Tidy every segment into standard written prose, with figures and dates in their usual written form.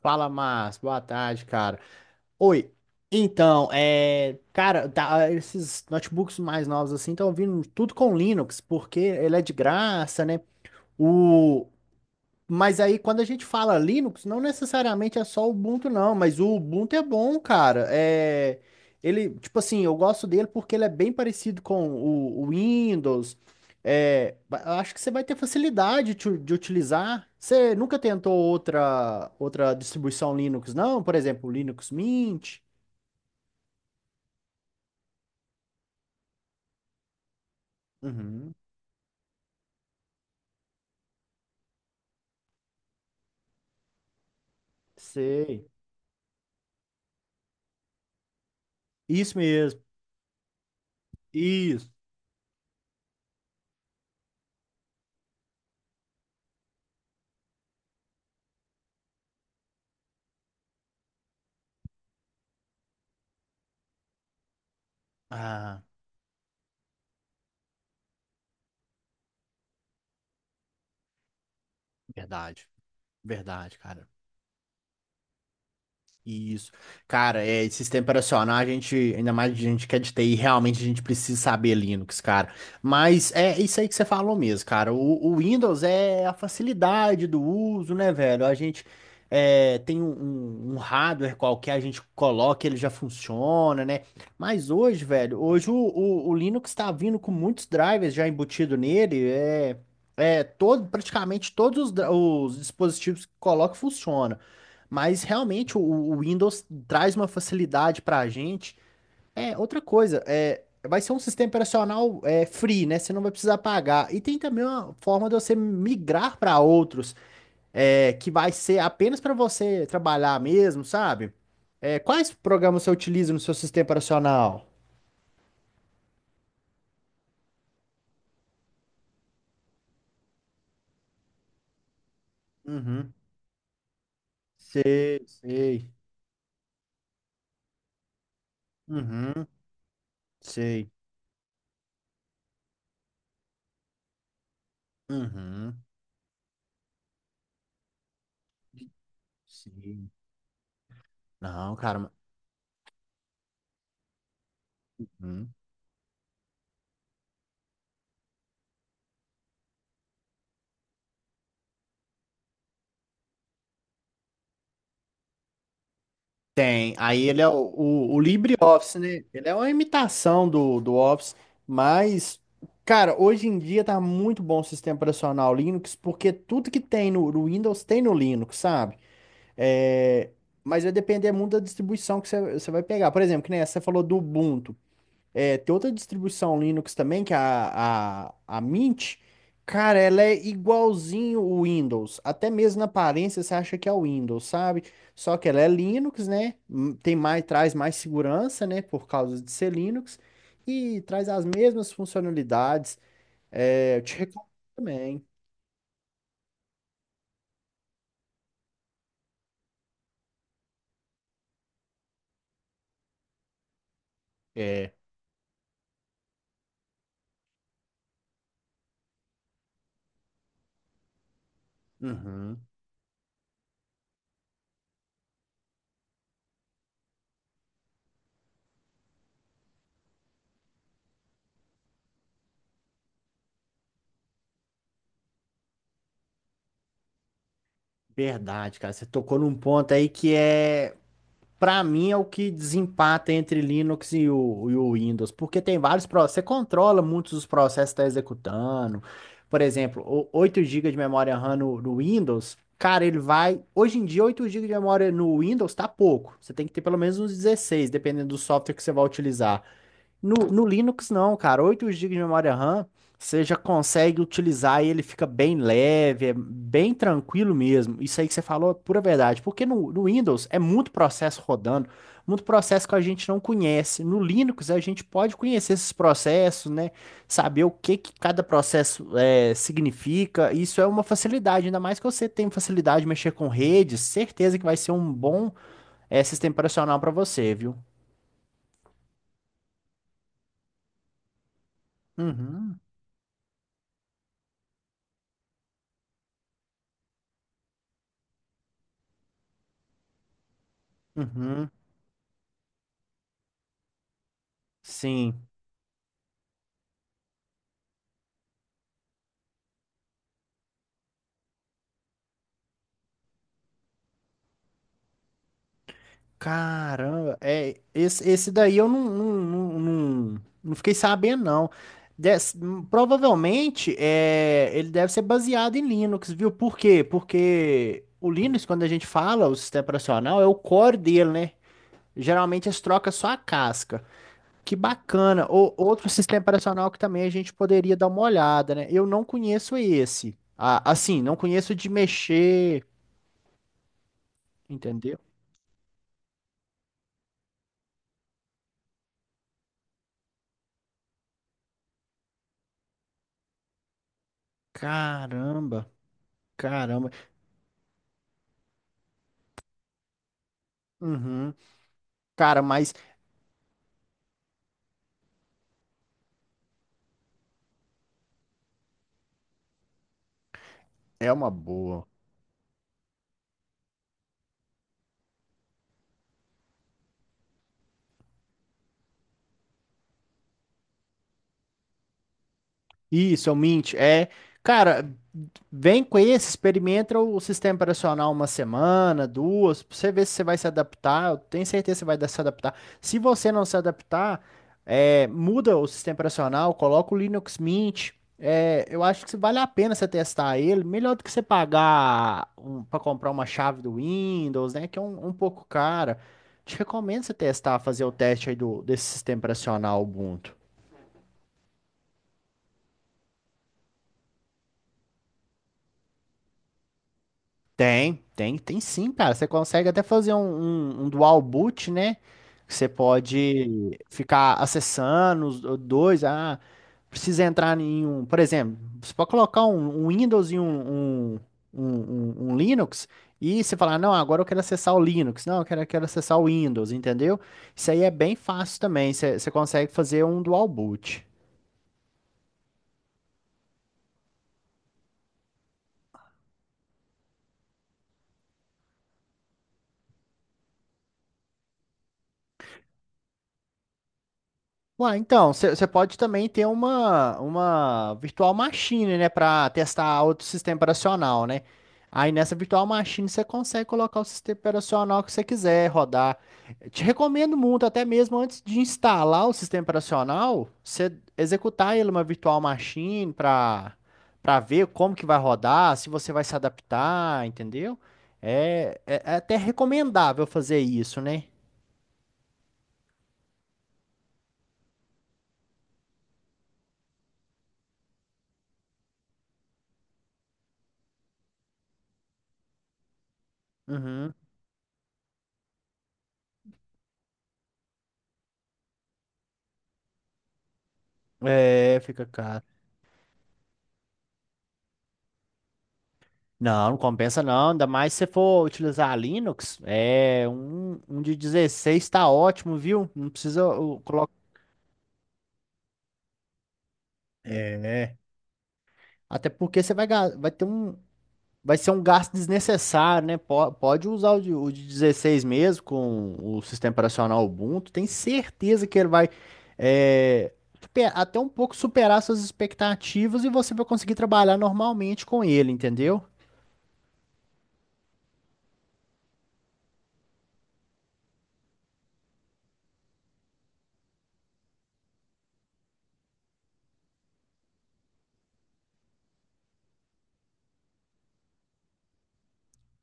Fala, Márcio. Boa tarde, cara. Oi. Então, esses notebooks mais novos assim estão vindo tudo com Linux, porque ele é de graça, né? O, mas aí, quando a gente fala Linux, não necessariamente é só o Ubuntu, não. Mas o Ubuntu é bom, cara. Ele, tipo assim, eu gosto dele porque ele é bem parecido com o Windows. Eu acho que você vai ter facilidade de utilizar. Você nunca tentou outra distribuição Linux, não? Por exemplo, Linux Mint. Uhum, sei. Isso mesmo. Isso. Ah, verdade. Verdade, cara. Isso. Cara, sistema operacional, a gente, ainda mais a gente que é de TI, realmente a gente precisa saber Linux, cara. Mas é isso aí que você falou mesmo, cara. O Windows é a facilidade do uso, né, velho? Tem um, um hardware qualquer, a gente coloca, ele já funciona, né? Mas hoje, velho, hoje o Linux tá vindo com muitos drivers já embutido nele, é, todo, praticamente todos os, os dispositivos que coloca funcionam. Mas realmente o Windows traz uma facilidade para a gente. Outra coisa, vai ser um sistema operacional free, né? Você não vai precisar pagar. E tem também uma forma de você migrar para outros, que vai ser apenas para você trabalhar mesmo, sabe? É, quais programas você utiliza no seu sistema operacional? Uhum. Sei, sei. Uhum. Sei. Uhum. Sim. Não, cara. Uhum. Tem. Aí ele é o LibreOffice, né? Ele é uma imitação do Office, mas, cara, hoje em dia tá muito bom o sistema operacional Linux, porque tudo que tem no, no Windows tem no Linux, sabe? É, mas vai depender muito da distribuição que você vai pegar. Por exemplo, que nem essa, você falou do Ubuntu. É, tem outra distribuição Linux também, que é a, a Mint. Cara, ela é igualzinho o Windows. Até mesmo na aparência você acha que é o Windows, sabe? Só que ela é Linux, né? Tem mais, traz mais segurança, né? Por causa de ser Linux. E traz as mesmas funcionalidades. É, eu te recomendo também. É. Uhum. Verdade, cara. Você tocou num ponto aí que é. Para mim é o que desempata entre Linux e o Windows, porque tem vários processos, você controla muitos dos processos que está executando. Por exemplo, 8 GB de memória RAM no Windows, cara, ele vai. Hoje em dia, 8 gigas de memória no Windows tá pouco. Você tem que ter pelo menos uns 16 dependendo do software que você vai utilizar. No, no Linux, não, cara. 8 gigas de memória RAM, você já consegue utilizar e ele fica bem leve, é bem tranquilo mesmo. Isso aí que você falou é pura verdade. Porque no Windows é muito processo rodando, muito processo que a gente não conhece. No Linux, a gente pode conhecer esses processos, né? Saber o que que cada processo é, significa. Isso é uma facilidade, ainda mais que você tem facilidade de mexer com redes. Certeza que vai ser um bom sistema operacional para você, viu? Uhum, uhum. Sim. Caramba, é, esse daí eu não fiquei sabendo, não. Des- Provavelmente é, ele deve ser baseado em Linux, viu? Por quê? Porque o Linux, quando a gente fala o sistema operacional, é o core dele, né? Geralmente eles trocam só a casca. Que bacana. Outro sistema operacional que também a gente poderia dar uma olhada, né? Eu não conheço esse. Ah, assim, não conheço de mexer, entendeu? Caramba, caramba. Uhum. Cara, mas é uma boa. Isso, é o Mint. É, cara, vem com esse, experimenta o sistema operacional uma semana, duas, pra você ver se você vai se adaptar. Eu tenho certeza que você vai se adaptar. Se você não se adaptar, muda o sistema operacional, coloca o Linux Mint. É, eu acho que se vale a pena você testar ele, melhor do que você pagar um, para comprar uma chave do Windows, né? Que é um, um pouco cara. Te recomendo você testar, fazer o teste aí do, desse sistema operacional Ubuntu. Tem sim, cara. Você consegue até fazer um, um dual boot, né? Você pode ficar acessando os dois. Ah, precisa entrar em um. Por exemplo, você pode colocar um, um Windows e um, um, um Linux. E você falar, não, agora eu quero acessar o Linux. Não, eu quero, quero acessar o Windows, entendeu? Isso aí é bem fácil também. Você consegue fazer um dual boot. Ué, então, você pode também ter uma virtual machine, né, para testar outro sistema operacional, né? Aí nessa virtual machine você consegue colocar o sistema operacional que você quiser rodar. Eu te recomendo muito, até mesmo antes de instalar o sistema operacional, você executar ele uma virtual machine para para ver como que vai rodar, se você vai se adaptar, entendeu? É até recomendável fazer isso, né? Uhum. É, fica caro. Não, não compensa não, ainda mais se você for utilizar Linux, é um, um de 16 tá ótimo, viu? Não precisa colocar. É, até porque você vai, vai ter um, vai ser um gasto desnecessário, né? Pode usar o de 16 mesmo com o sistema operacional Ubuntu. Tem certeza que ele vai é, até um pouco superar suas expectativas e você vai conseguir trabalhar normalmente com ele, entendeu?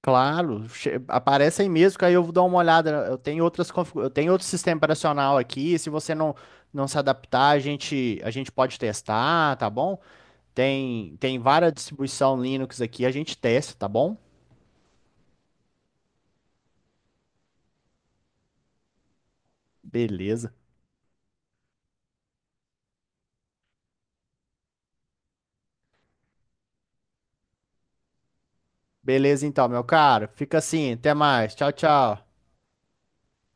Claro, aparece aí mesmo, que aí eu vou dar uma olhada. Eu tenho outras, eu tenho outro sistema operacional aqui. Se você não, não se adaptar, a gente pode testar, tá bom? Tem, tem várias distribuição Linux aqui, a gente testa, tá bom? Beleza. Beleza, então, meu caro. Fica assim, até mais. Tchau, tchau.